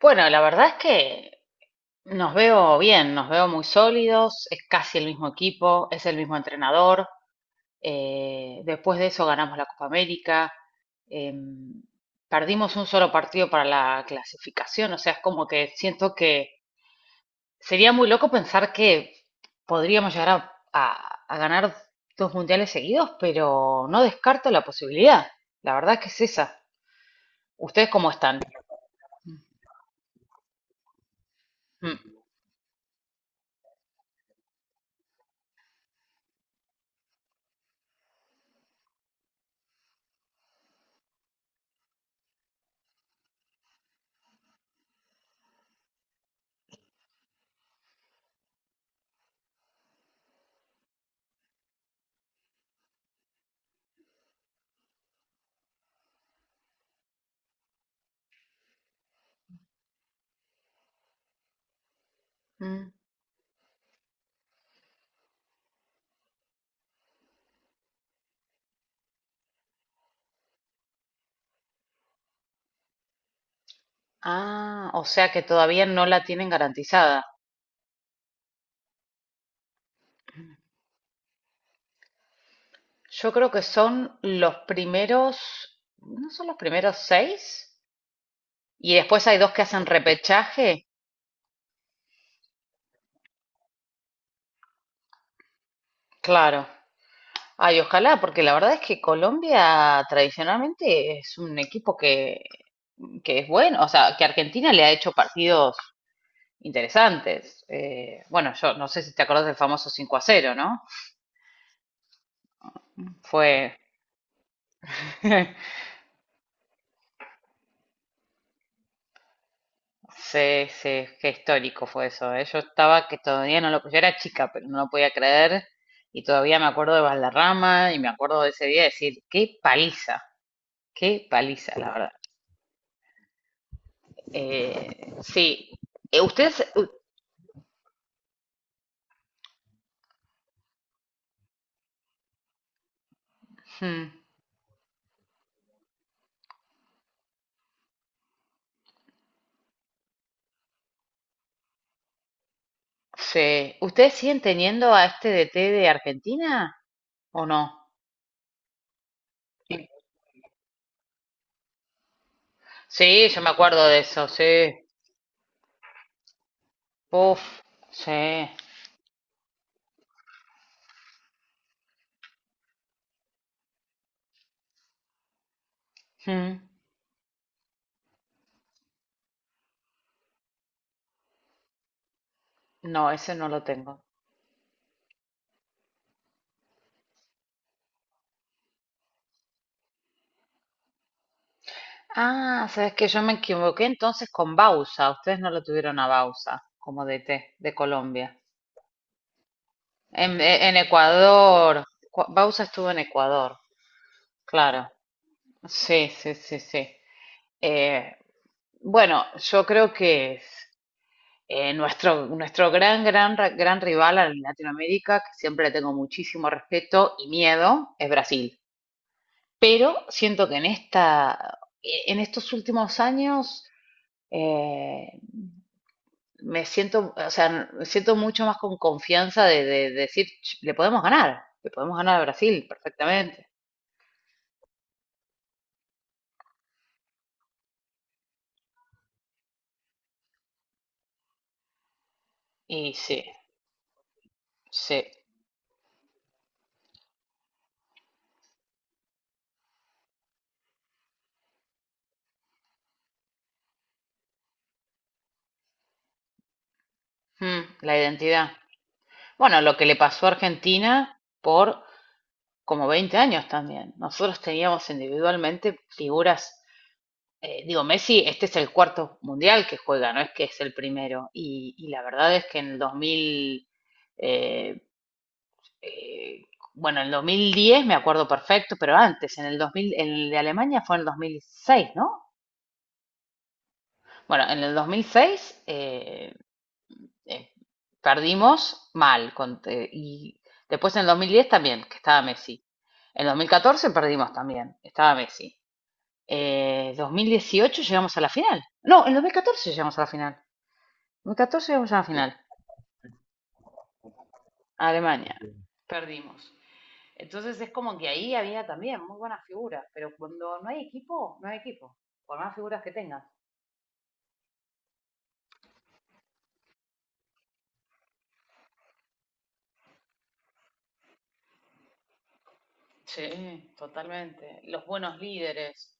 Bueno, la verdad es que nos veo bien, nos veo muy sólidos, es casi el mismo equipo, es el mismo entrenador. Después de eso ganamos la Copa América. em, Perdimos un solo partido para la clasificación, o sea, es como que siento que sería muy loco pensar que podríamos llegar a ganar dos mundiales seguidos, pero no descarto la posibilidad. La verdad es que es esa. ¿Ustedes cómo están? Mm. Ah, o sea que todavía no la tienen garantizada. Yo creo que son los primeros, ¿no son los primeros seis? Y después hay dos que hacen repechaje. Claro. Ay, ojalá, porque la verdad es que Colombia tradicionalmente es un equipo que es bueno, o sea, que Argentina le ha hecho partidos interesantes. Bueno, yo no sé si te acordás del famoso 5 a cero, ¿no? Fue sí, sí, qué histórico fue eso, ¿eh? Yo estaba que todavía no lo, yo era chica, pero no lo podía creer, y todavía me acuerdo de Valderrama y me acuerdo de ese día de decir, qué paliza, la verdad. Eh, sí, Eh, ustedes, u- hmm, sí, ¿ustedes siguen teniendo a este DT de Argentina o no? Sí, yo me acuerdo de eso, sí. Uf, sí. Hmm. No, ese no lo tengo. Ah, sabes que yo me equivoqué entonces con Bausa. Ustedes no lo tuvieron a Bausa como DT de Colombia. En Ecuador, Bausa estuvo en Ecuador, claro. Sí, sí, sí, sí. Eh, bueno, yo creo que nuestro gran rival en Latinoamérica, que siempre le tengo muchísimo respeto y miedo, es Brasil. Pero siento que en en estos últimos años eh, me siento, o sea, me siento mucho más con confianza de decir, "Ch, le podemos ganar a Brasil perfectamente." Y sí, sí, mm, la identidad. Bueno, lo que le pasó a Argentina por como 20 años también. Nosotros teníamos individualmente figuras. Digo, Messi, este es el cuarto mundial que juega, no es que es el primero. Y la verdad es que en el 2000... eh, eh, bueno, en el 2010 me acuerdo perfecto, pero antes, en el 2000, en el de Alemania fue en el 2006, ¿no? Bueno, en el 2006 eh, eh, perdimos mal, y después en el 2010 también, que estaba Messi. En el 2014 perdimos también, estaba Messi. 2018 llegamos a la final. No, en 2014 llegamos a la final. En 2014 llegamos a la final. A Alemania. Perdimos. Entonces es como que ahí había también muy buenas figuras, pero cuando no hay equipo, no hay equipo, por más figuras que tengas. Sí, totalmente. Los buenos líderes,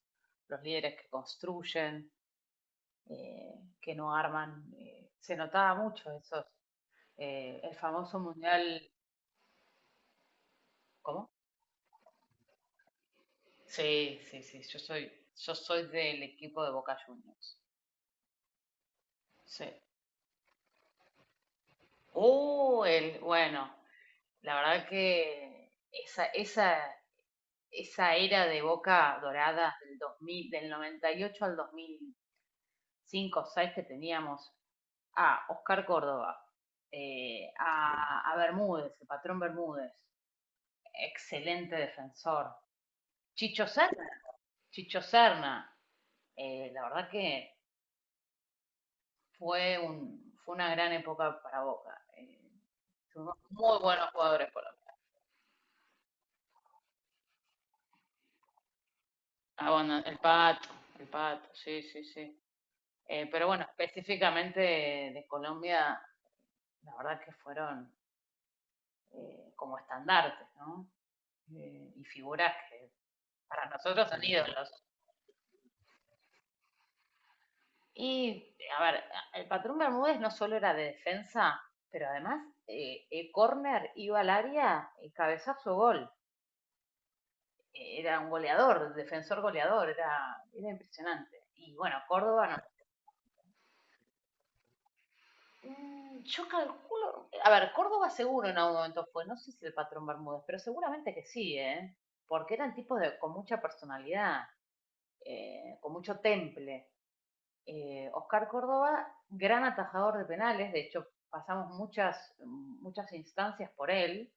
los líderes que construyen, eh, que no arman, se notaba mucho esos. El famoso mundial, ¿cómo? Sí, sí, sí. Yo soy del equipo de Boca Juniors. Sí. Bueno, la verdad que esa era de Boca Dorada del 2000, del 98 al 2005 o 6 que teníamos a Oscar Córdoba, Bermúdez, el patrón Bermúdez, excelente defensor. Chicho Serna, Chicho Serna, la verdad que fue una gran época para Boca. Tuvimos muy buenos jugadores por acá. Ah, bueno, el Pato, sí, sí, sí. Pero bueno, específicamente de Colombia, la verdad que fueron como estandartes, ¿no? Y figuras que para nosotros son ídolos. Y, a ver, el patrón Bermúdez no solo era de defensa, pero además, corner iba al área, y cabezazo, gol. Era un goleador, defensor goleador, era impresionante. Y bueno, Córdoba no. Mm, yo calculo, a ver, Córdoba seguro en algún momento fue, no sé si el patrón Bermúdez, pero seguramente que sí, ¿eh? Porque eran tipos de, con mucha personalidad. Con mucho temple. Oscar Córdoba, gran atajador de penales, de hecho pasamos muchas, muchas instancias por él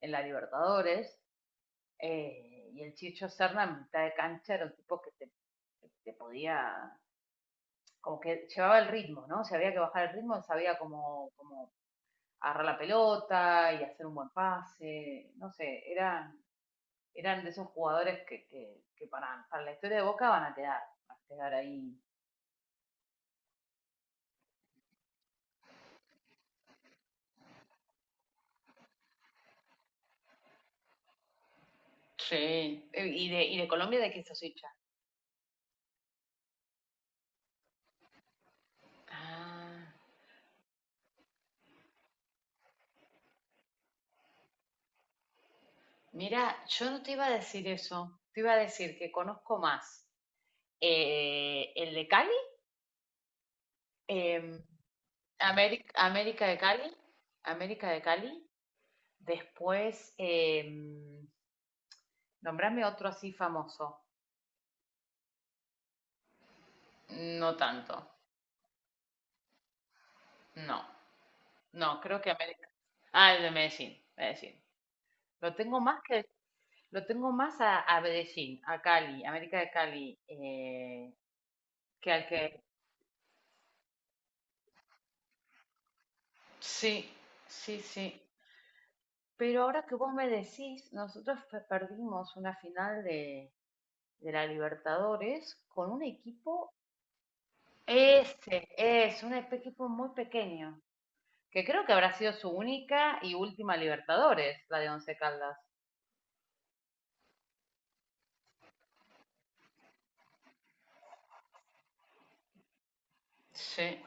en la Libertadores, y el Chicho Serna en mitad de cancha era un tipo que podía, como que llevaba el ritmo, ¿no? Si había que bajar el ritmo, él sabía cómo agarrar la pelota y hacer un buen pase, no sé, eran de esos jugadores que para la historia de Boca van a quedar ahí. Sí. ¿Y de Colombia de qué sos hincha? Ah, mira, yo no te iba a decir eso. Te iba a decir que conozco más el de Cali, em, América de Cali, América de Cali. Después, nombrame otro así famoso. No tanto. No, no, creo que América. Ah, el de Medellín, Medellín. Lo tengo más que, lo tengo más a Medellín, a Cali, América de Cali, que al que sí, sí, sí. Pero ahora que vos me decís, nosotros perdimos una final de la Libertadores con un equipo, ese es, un equipo muy pequeño, que creo que habrá sido su única y última Libertadores, la de Once Caldas. Sí,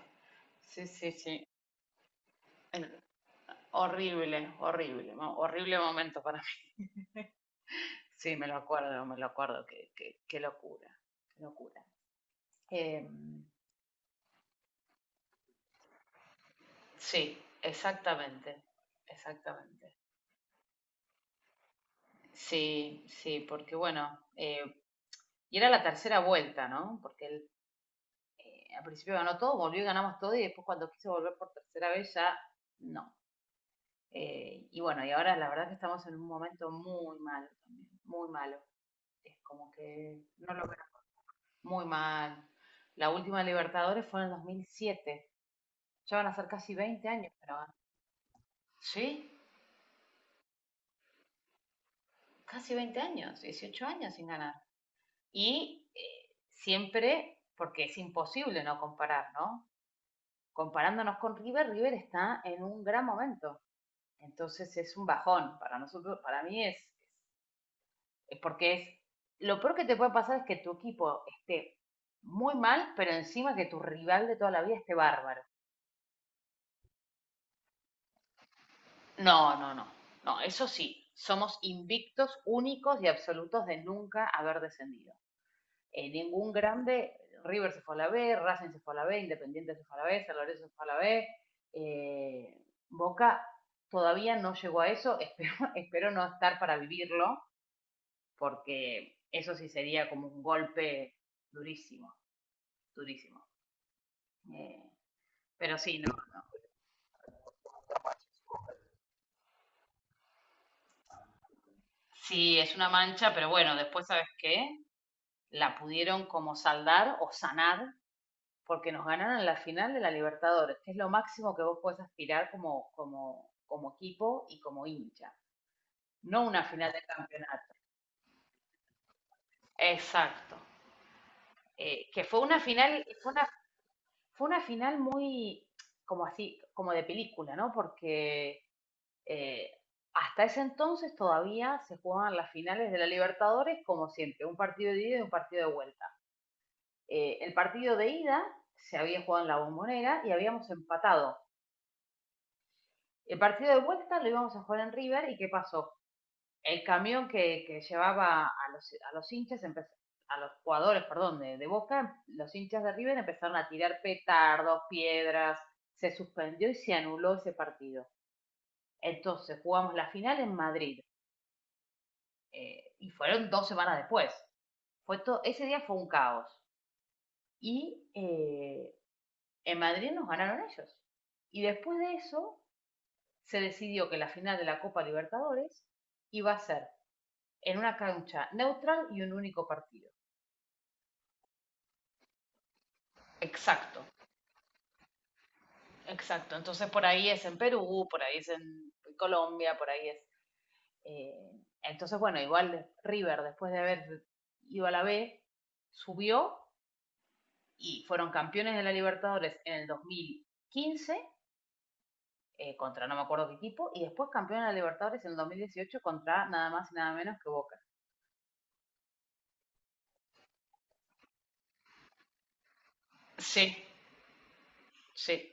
sí, sí, sí. El- Horrible, horrible, horrible momento para mí. Sí, me lo acuerdo, qué, qué, qué locura, qué locura. Sí, exactamente, exactamente. Sí, sí, porque bueno, y era la tercera vuelta, ¿no? Porque él al principio ganó todo, volvió y ganamos todo, y después cuando quiso volver por tercera vez ya no. Y bueno, y ahora la verdad que estamos en un momento muy malo también, muy malo. Es como que no lo veo muy mal. La última Libertadores fue en el 2007. Ya van a ser casi 20 años, pero sí, casi 20 años, 18 años sin ganar. Y siempre, porque es imposible no comparar, ¿no? Comparándonos con River, River está en un gran momento. Entonces es un bajón para nosotros, para mí es, lo peor que te puede pasar es que tu equipo esté muy mal, pero encima que tu rival de toda la vida esté bárbaro. No, no, no, no, eso sí, somos invictos, únicos y absolutos de nunca haber descendido. Ningún grande, River se fue a la B, Racing se fue a la B, Independiente se fue a la B, San Lorenzo se fue a la B, eh, Boca todavía no llegó a eso, espero, espero no estar para vivirlo, porque eso sí sería como un golpe durísimo, durísimo. Eh, pero sí, no, no. Sí, es una mancha, pero bueno, después, ¿sabes qué? La pudieron como saldar o sanar porque nos ganaron en la final de la Libertadores, que es lo máximo que vos puedes aspirar como, como, como equipo y como hincha, no una final de campeonato. Exacto. Que fue una final, fue una final muy como así, como de película, ¿no? Porque eh, hasta ese entonces todavía se jugaban las finales de la Libertadores como siempre, un partido de ida y un partido de vuelta. El partido de ida se había jugado en la bombonera y habíamos empatado. El partido de vuelta lo íbamos a jugar en River y ¿qué pasó? El camión que llevaba a los hinchas, a los jugadores, perdón, de Boca, los hinchas de River empezaron a tirar petardos, piedras, se suspendió y se anuló ese partido. Entonces jugamos la final en Madrid, y fueron dos semanas después. Ese día fue un caos. Y en Madrid nos ganaron ellos. Y después de eso se decidió que la final de la Copa Libertadores iba a ser en una cancha neutral y un único partido. Exacto, exacto. Entonces por ahí es en Perú, por ahí es en Colombia, por ahí es... eh, entonces, bueno, igual River, después de haber ido a la B, subió y fueron campeones de la Libertadores en el 2015 contra no me acuerdo qué equipo, y después campeones de la Libertadores en el 2018 contra nada más y nada menos que Boca. Sí, sí,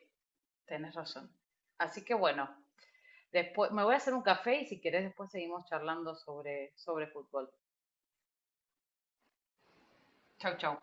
tenés razón. Así que bueno, después, me voy a hacer un café y si querés después seguimos charlando sobre, sobre fútbol. Chau, chau.